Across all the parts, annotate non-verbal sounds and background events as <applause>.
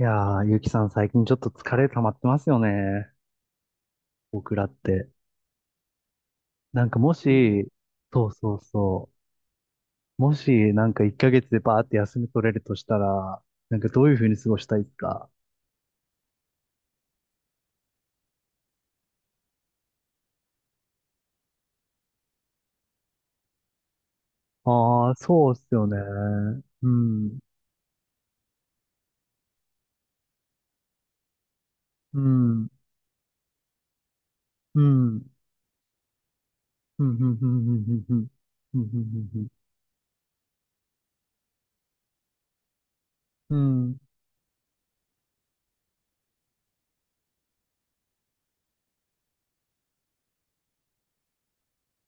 いやゆうきさん最近ちょっと疲れ溜まってますよね。僕らって。なんかもし、そうそうそう。もし、なんか1ヶ月でバーって休み取れるとしたら、なんかどういう風に過ごしたいですか？ああー、そうっすよね。うん、うん、うん、うん、うん、うん、うん、うん、うん、うん、うん、うん、うん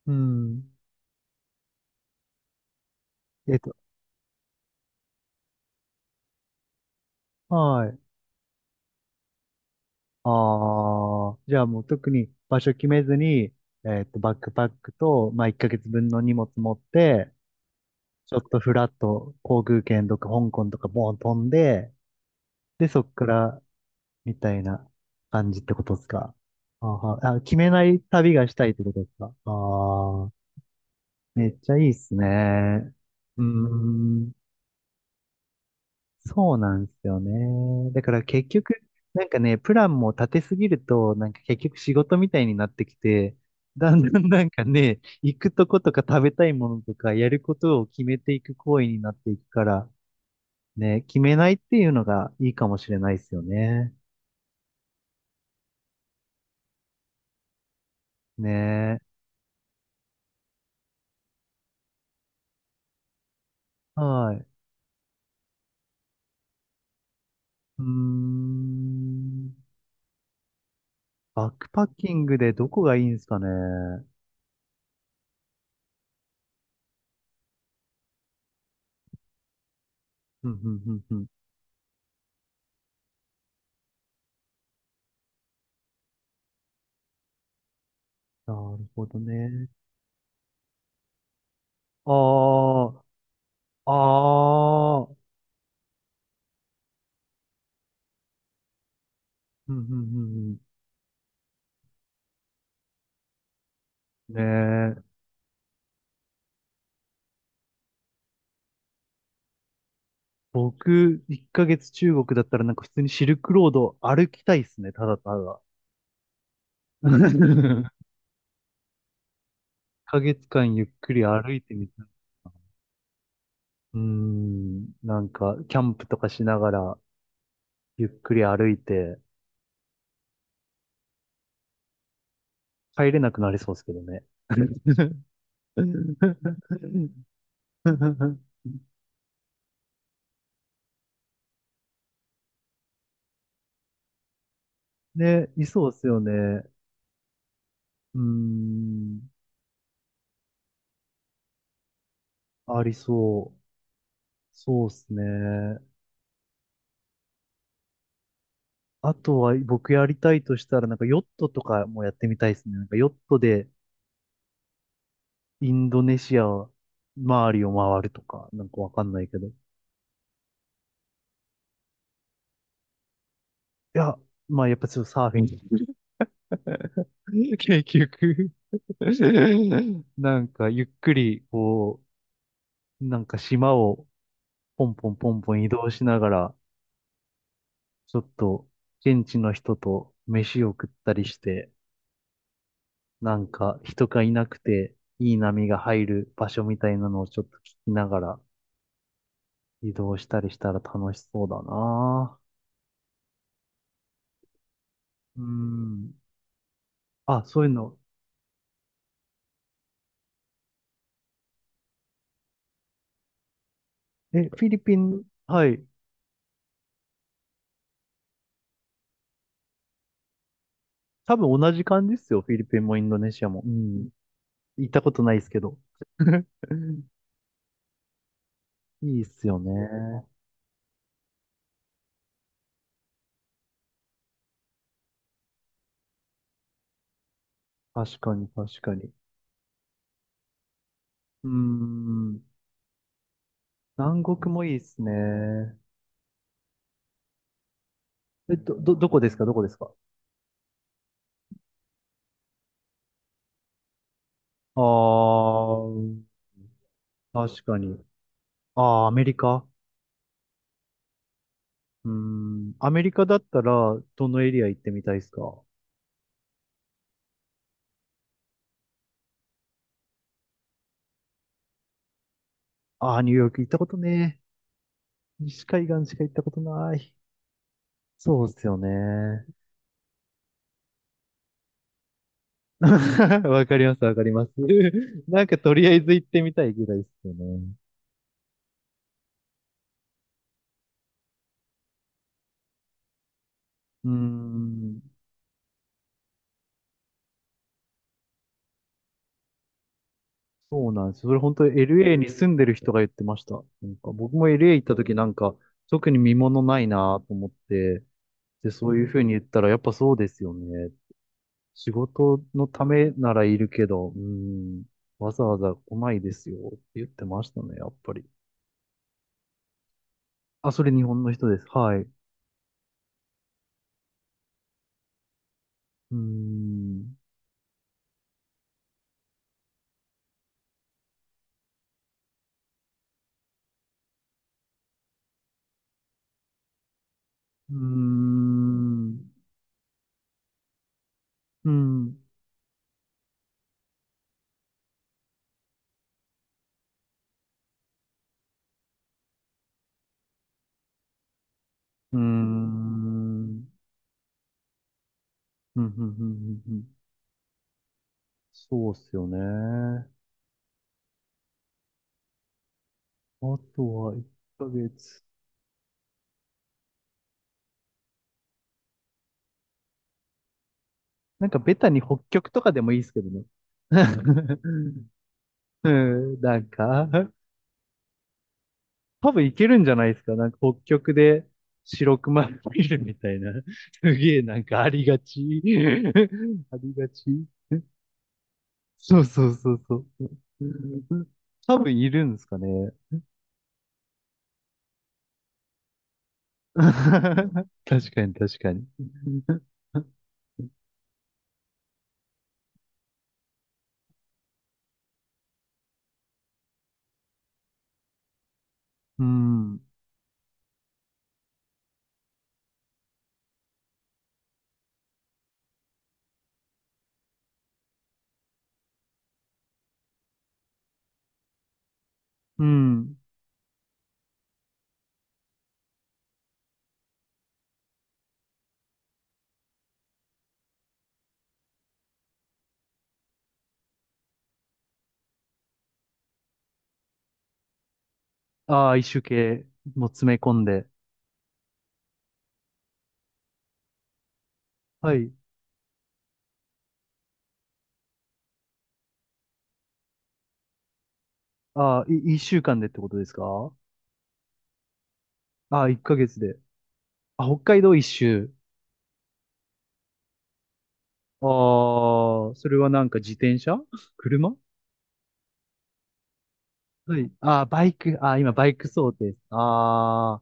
うん。えっと、はい。ああ、じゃあもう特に場所決めずに、バックパックと、まあ、1ヶ月分の荷物持って、ちょっとフラッと航空券とか香港とかボーン飛んで、で、そっからみたいな感じってことですか。あーはー、あ、決めない旅がしたいってことですか。ああ、めっちゃいいっすね。うーん、そうなんですよね。だから結局、なんかね、プランも立てすぎると、なんか結局仕事みたいになってきて、だんだん <laughs> なんかね、行くとことか食べたいものとかやることを決めていく行為になっていくから、ね、決めないっていうのがいいかもしれないですよね。ね。はい。うーん。バックパッキングでどこがいいんですかね。うん、うん、うん、うん。なるほどね。ああ、ああ、うん、うん、うんうん。ねえ。僕、1ヶ月中国だったらなんか普通にシルクロードを歩きたいですね。ただただ。<laughs> 1ヶ月間ゆっくり歩いてみたいな。うーん、なんか、キャンプとかしながら、ゆっくり歩いて、帰れなくなりそうですけどね。<laughs> ね、いそうですよね。うーん、ありそう。そうですね。あとは僕やりたいとしたら、なんかヨットとかもやってみたいですね。なんかヨットでインドネシア周りを回るとか、なんかわかんないけど。いや、まあやっぱちょっとサーフィン。<laughs> 結局なんかゆっくり、こう、なんか島をポンポンポンポン移動しながら、ちょっと現地の人と飯を食ったりして、なんか人がいなくていい波が入る場所みたいなのをちょっと聞きながら移動したりしたら楽しそうだな。うーん。あ、そういうの。え、フィリピン、はい。多分同じ感じですよ。フィリピンもインドネシアも。うん。行ったことないですけど。<laughs> いいっすよね。確かに、確かに。うーん。南国もいいっすね。え、ど、ど、どこですか？どこですか？あー、確かに。あー、アメリカ。うーん、アメリカだったら、どのエリア行ってみたいですか？あー、ニューヨーク行ったことねえ。西海岸しか行ったことない。そうっすよね。<laughs> わかります、わかります。<laughs> なんかとりあえず行ってみたいぐらいですよね。うーん、そうなんです。それ本当に LA に住んでる人が言ってました。なんか僕も LA 行った時なんか、特に見物ないなと思って、で、そういうふうに言ったら、やっぱそうですよね。仕事のためならいるけど、うん、わざわざ来ないですよって言ってましたね、やっぱり。あ、それ日本の人です。はい。うーん、うーん、うん、うーん、うん、うん、うん、うん。うん、そうっすよね。あとは1ヶ月。なんかベタに北極とかでもいいですけどね。<laughs> うん、なんか多分いけるんじゃないですか。なんか北極で白熊見るみたいな。<laughs> すげえなんかありがち。<laughs> ありがち。そうそうそうそう。多分いるんですかね。<laughs> 確かに確かに。うん。うん。ああ、一周系も詰め込んで。はい。ああ、い、一週間でってことですか？ああ、一ヶ月で。あ、北海道一周。ああ、それはなんか自転車 <laughs> 車。はい。あーバイク、あー今バイク想定。あ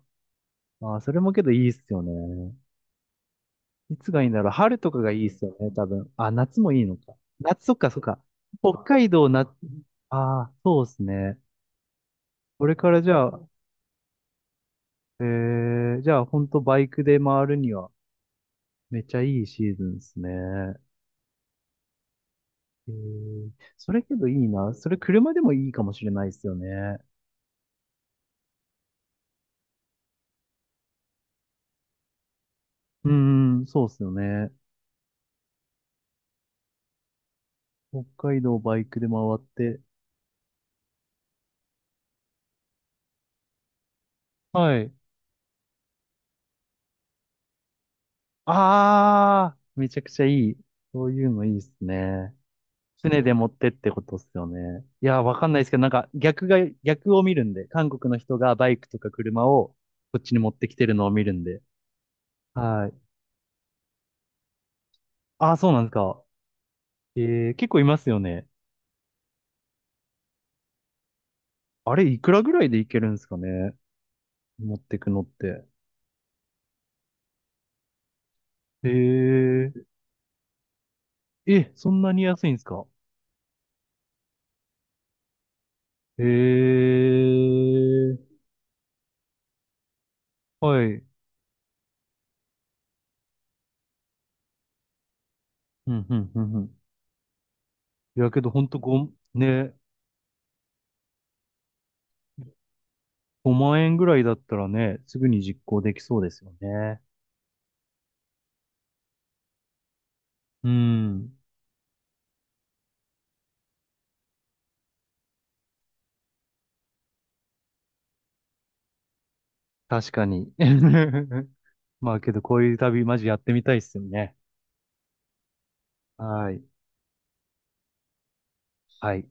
ーあー、それもけどいいっすよね。いつがいいんだろう。春とかがいいっすよね、多分。あ、夏もいいのか。夏、そっか、そっか。北海道、夏、ああ、そうっすね。これからじゃあ、えー、じゃあ、ほんとバイクで回るには、めっちゃいいシーズンっすね。えー、それけどいいな。それ車でもいいかもしれないっすよね。うーん、そうっすよね。北海道バイクで回って、はい。ああ、めちゃくちゃいい。そういうのいいですね。船で持ってってことっすよね。いやー、わかんないですけど、なんか逆が、逆を見るんで、韓国の人がバイクとか車をこっちに持ってきてるのを見るんで。はい。ああ、そうなんですか。えー、結構いますよね。あれ、いくらぐらいでいけるんですかね。持ってくのって。えー、え、そんなに安いんですか。えー、はい。うん、うん、うん、うん。いや、けどほんとご、ね、5万円ぐらいだったらね、すぐに実行できそうですよね。うん。確かに。<laughs> まあけど、こういう旅、マジやってみたいっすよね。はい。はい。